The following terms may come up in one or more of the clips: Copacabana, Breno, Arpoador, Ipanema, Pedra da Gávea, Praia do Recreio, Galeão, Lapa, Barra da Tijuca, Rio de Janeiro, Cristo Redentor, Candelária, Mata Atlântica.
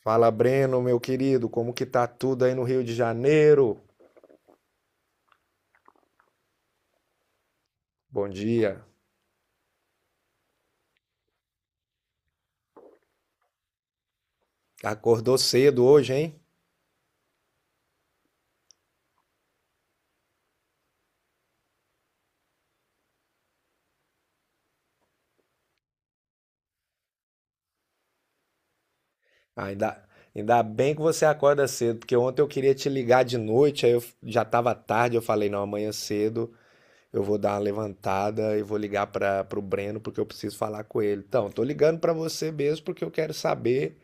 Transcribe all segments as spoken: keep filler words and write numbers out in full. Fala, Breno, meu querido, como que tá tudo aí no Rio de Janeiro? Bom dia. Acordou cedo hoje, hein? Ah, Ainda, ainda bem que você acorda cedo, porque ontem eu queria te ligar de noite, aí eu f- já tava tarde, eu falei, não, amanhã cedo eu vou dar uma levantada e vou ligar para pro Breno porque eu preciso falar com ele. Então, tô ligando para você mesmo porque eu quero saber.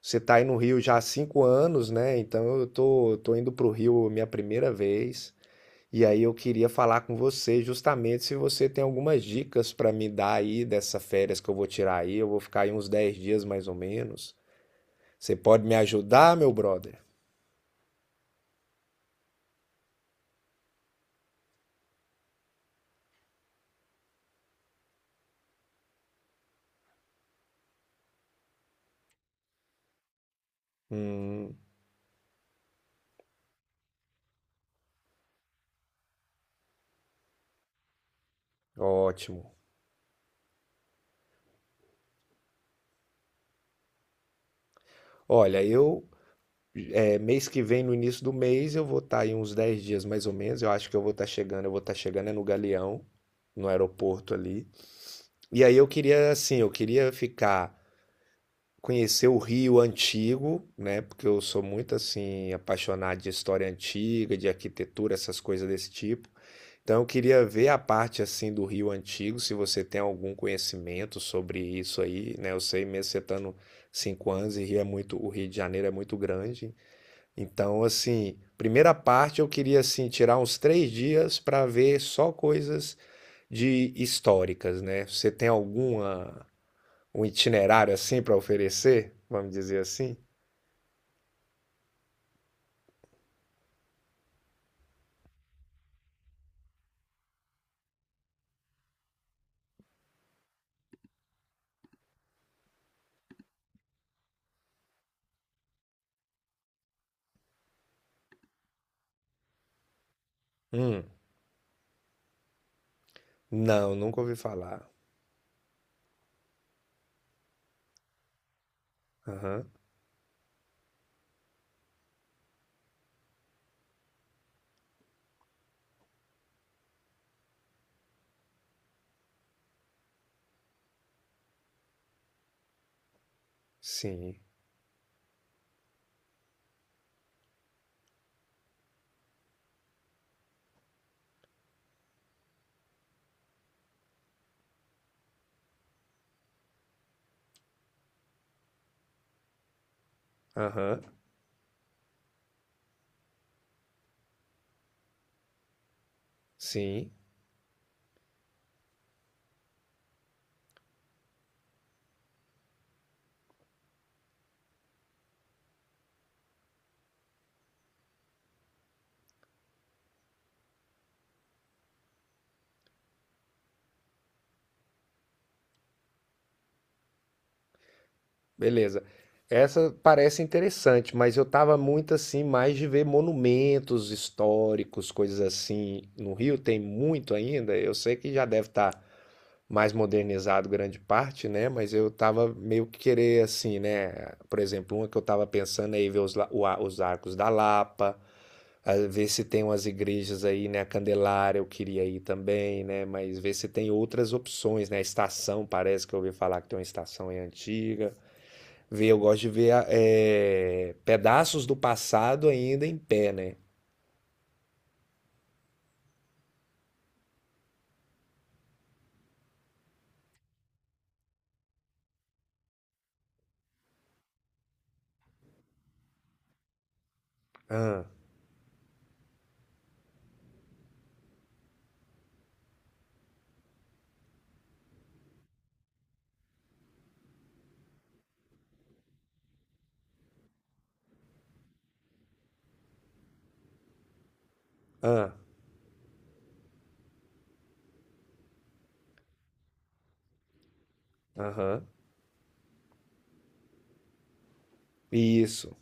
Você tá aí no Rio já há cinco anos, né? Então eu tô, tô indo pro Rio minha primeira vez. E aí eu queria falar com você justamente se você tem algumas dicas para me dar aí dessas férias que eu vou tirar aí. Eu vou ficar aí uns dez dias mais ou menos. Você pode me ajudar, meu brother? Hum, ótimo. Olha, eu é, mês que vem, no início do mês, eu vou estar aí uns dez dias mais ou menos. Eu acho que eu vou estar chegando, eu vou estar chegando é no Galeão, no aeroporto ali. E aí eu queria assim, eu queria ficar Conhecer o Rio antigo, né? Porque eu sou muito assim apaixonado de história antiga, de arquitetura, essas coisas desse tipo. Então eu queria ver a parte assim do Rio antigo, se você tem algum conhecimento sobre isso aí, né? Eu sei mesmo você estando cinco anos e Rio é muito, o Rio de Janeiro é muito grande. Então assim, primeira parte eu queria assim tirar uns três dias para ver só coisas de históricas, né? Você tem alguma um itinerário assim para oferecer, vamos dizer assim? Hum, não, nunca ouvi falar. Aham, sim. Aham, sim. Beleza. Essa parece interessante, mas eu tava muito assim, mais de ver monumentos históricos, coisas assim. No Rio tem muito ainda, eu sei que já deve estar mais modernizado grande parte, né? Mas eu tava meio que querer assim, né? Por exemplo, uma que eu tava pensando aí ver os, la- o a- os arcos da Lapa, ah, ver se tem umas igrejas aí, né? A Candelária eu queria ir também, né? Mas ver se tem outras opções, né? A estação, parece que eu ouvi falar que tem uma estação aí antiga. Ver, eu gosto de ver a- eh, pedaços do passado ainda em pé, né? Ah, ah, aham. Isso,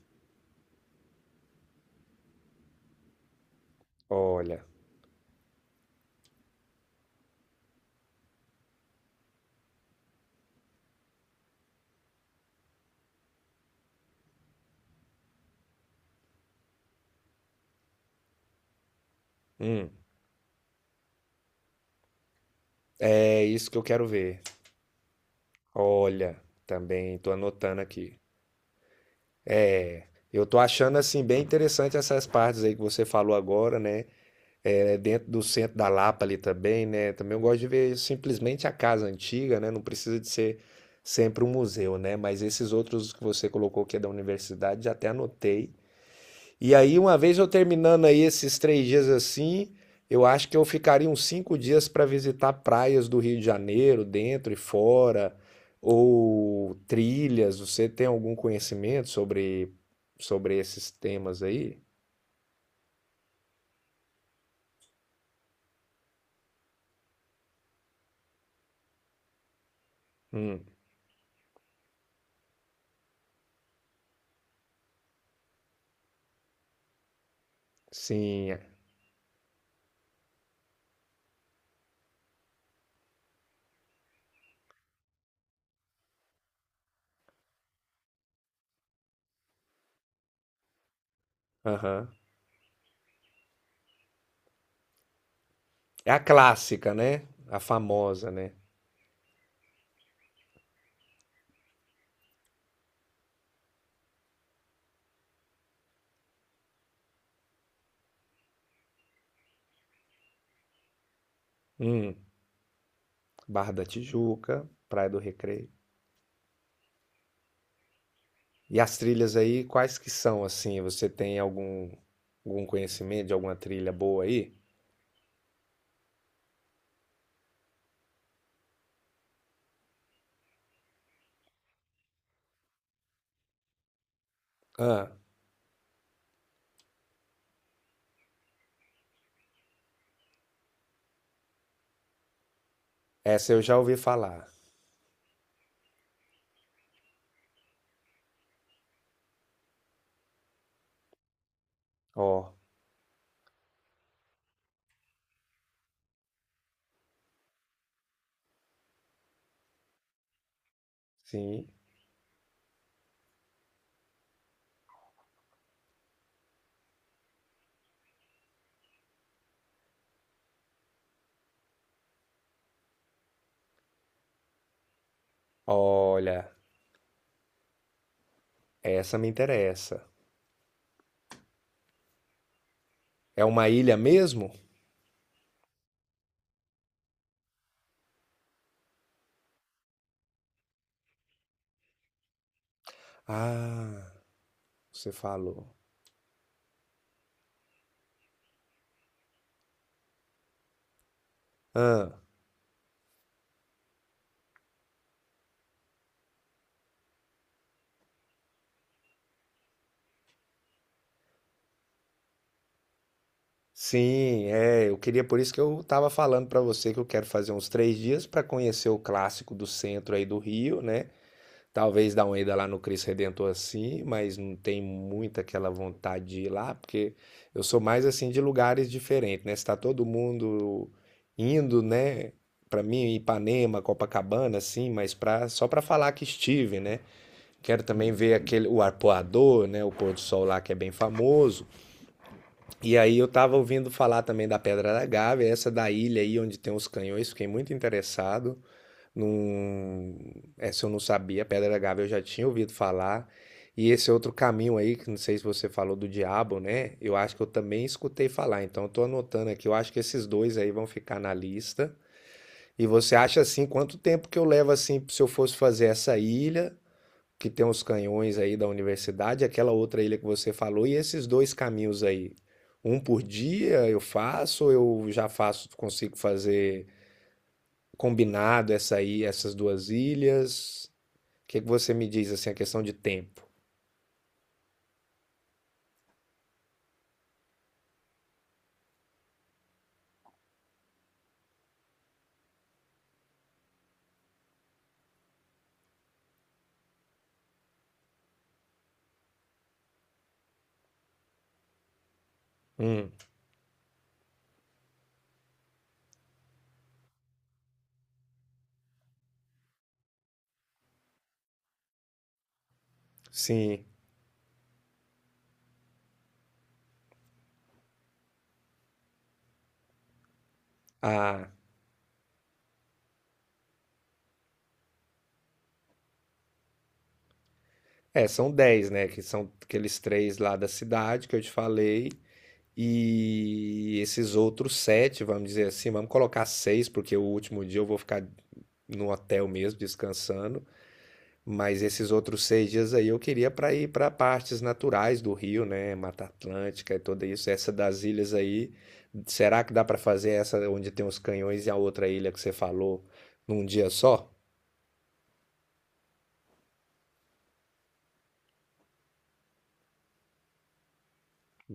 olha. Hum, é isso que eu quero ver. Olha, também estou anotando aqui. Eu estou achando assim bem interessante essas partes aí que você falou agora, né? É, dentro do centro da Lapa ali também, né? Também eu gosto de ver simplesmente a casa antiga, né? Não precisa de ser sempre um museu, né? Mas esses outros que você colocou que é da universidade, já até anotei. E aí, uma vez eu terminando aí esses três dias assim, eu acho que eu ficaria uns cinco dias para visitar praias do Rio de Janeiro, dentro e fora, ou trilhas. Você tem algum conhecimento sobre, sobre esses temas aí? Hum, sim, é, aham. É a clássica, né? A famosa, né? Hum, Barra da Tijuca, Praia do Recreio. E as trilhas aí, quais que são assim? Você tem algum, algum conhecimento de alguma trilha boa aí? Ah, essa eu já ouvi falar. Ó, sim. Olha, essa me interessa. É uma ilha mesmo? Ah, você falou. Ah, sim, é. Eu queria, por isso que eu estava falando para você que eu quero fazer uns três dias para conhecer o clássico do centro aí do Rio, né? Talvez dá uma ida lá no Cristo Redentor assim, mas não tem muita aquela vontade de ir lá, porque eu sou mais assim de lugares diferentes, né? Está todo mundo indo, né? Para mim, Ipanema, Copacabana, assim, mas pra, só para falar que estive, né? Quero também ver aquele o arpoador, né? O pôr do sol lá que é bem famoso. E aí eu tava ouvindo falar também da Pedra da Gávea, essa da ilha aí onde tem os canhões, fiquei muito interessado. Não... Essa eu não sabia, Pedra da Gávea eu já tinha ouvido falar. E esse é outro caminho aí, que não sei se você falou do diabo, né? Eu acho que eu também escutei falar. Então eu tô anotando aqui, eu acho que esses dois aí vão ficar na lista. E você acha assim, quanto tempo que eu levo assim, se eu fosse fazer essa ilha, que tem os canhões aí da universidade, aquela outra ilha que você falou, e esses dois caminhos aí? Um por dia eu faço, ou eu já faço, consigo fazer combinado essa aí, essas duas ilhas? O que que você me diz assim, a questão de tempo? Hum, sim. Ah, é, são dez né? Que são aqueles três lá da cidade que eu te falei. E esses outros sete, vamos dizer assim, vamos colocar seis, porque o último dia eu vou ficar no hotel mesmo, descansando. Mas esses outros seis dias aí eu queria para ir para partes naturais do Rio, né? Mata Atlântica e tudo isso. Essa das ilhas aí, será que dá para fazer essa onde tem os canhões e a outra ilha que você falou num dia só?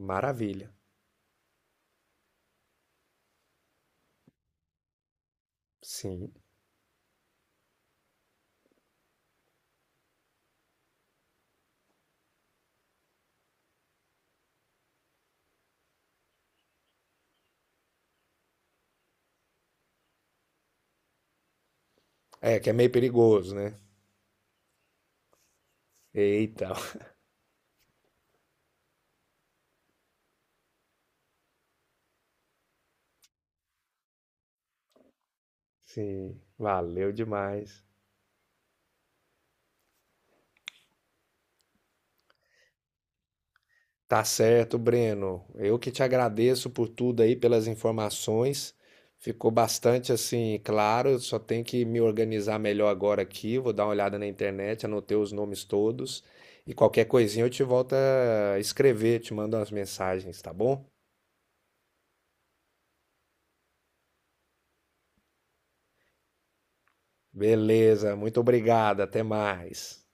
Maravilha. Sim. É, que é meio perigoso, né? Eita. Sim. Valeu demais. Tá certo, Breno. Eu que te agradeço por tudo aí, pelas informações. Ficou bastante assim, claro. Eu Só tenho que me organizar melhor agora aqui. Vou dar uma olhada na internet, anotei os nomes todos. E qualquer coisinha eu te volto a escrever, te mando umas mensagens, tá bom? Beleza, muito obrigado. Até mais.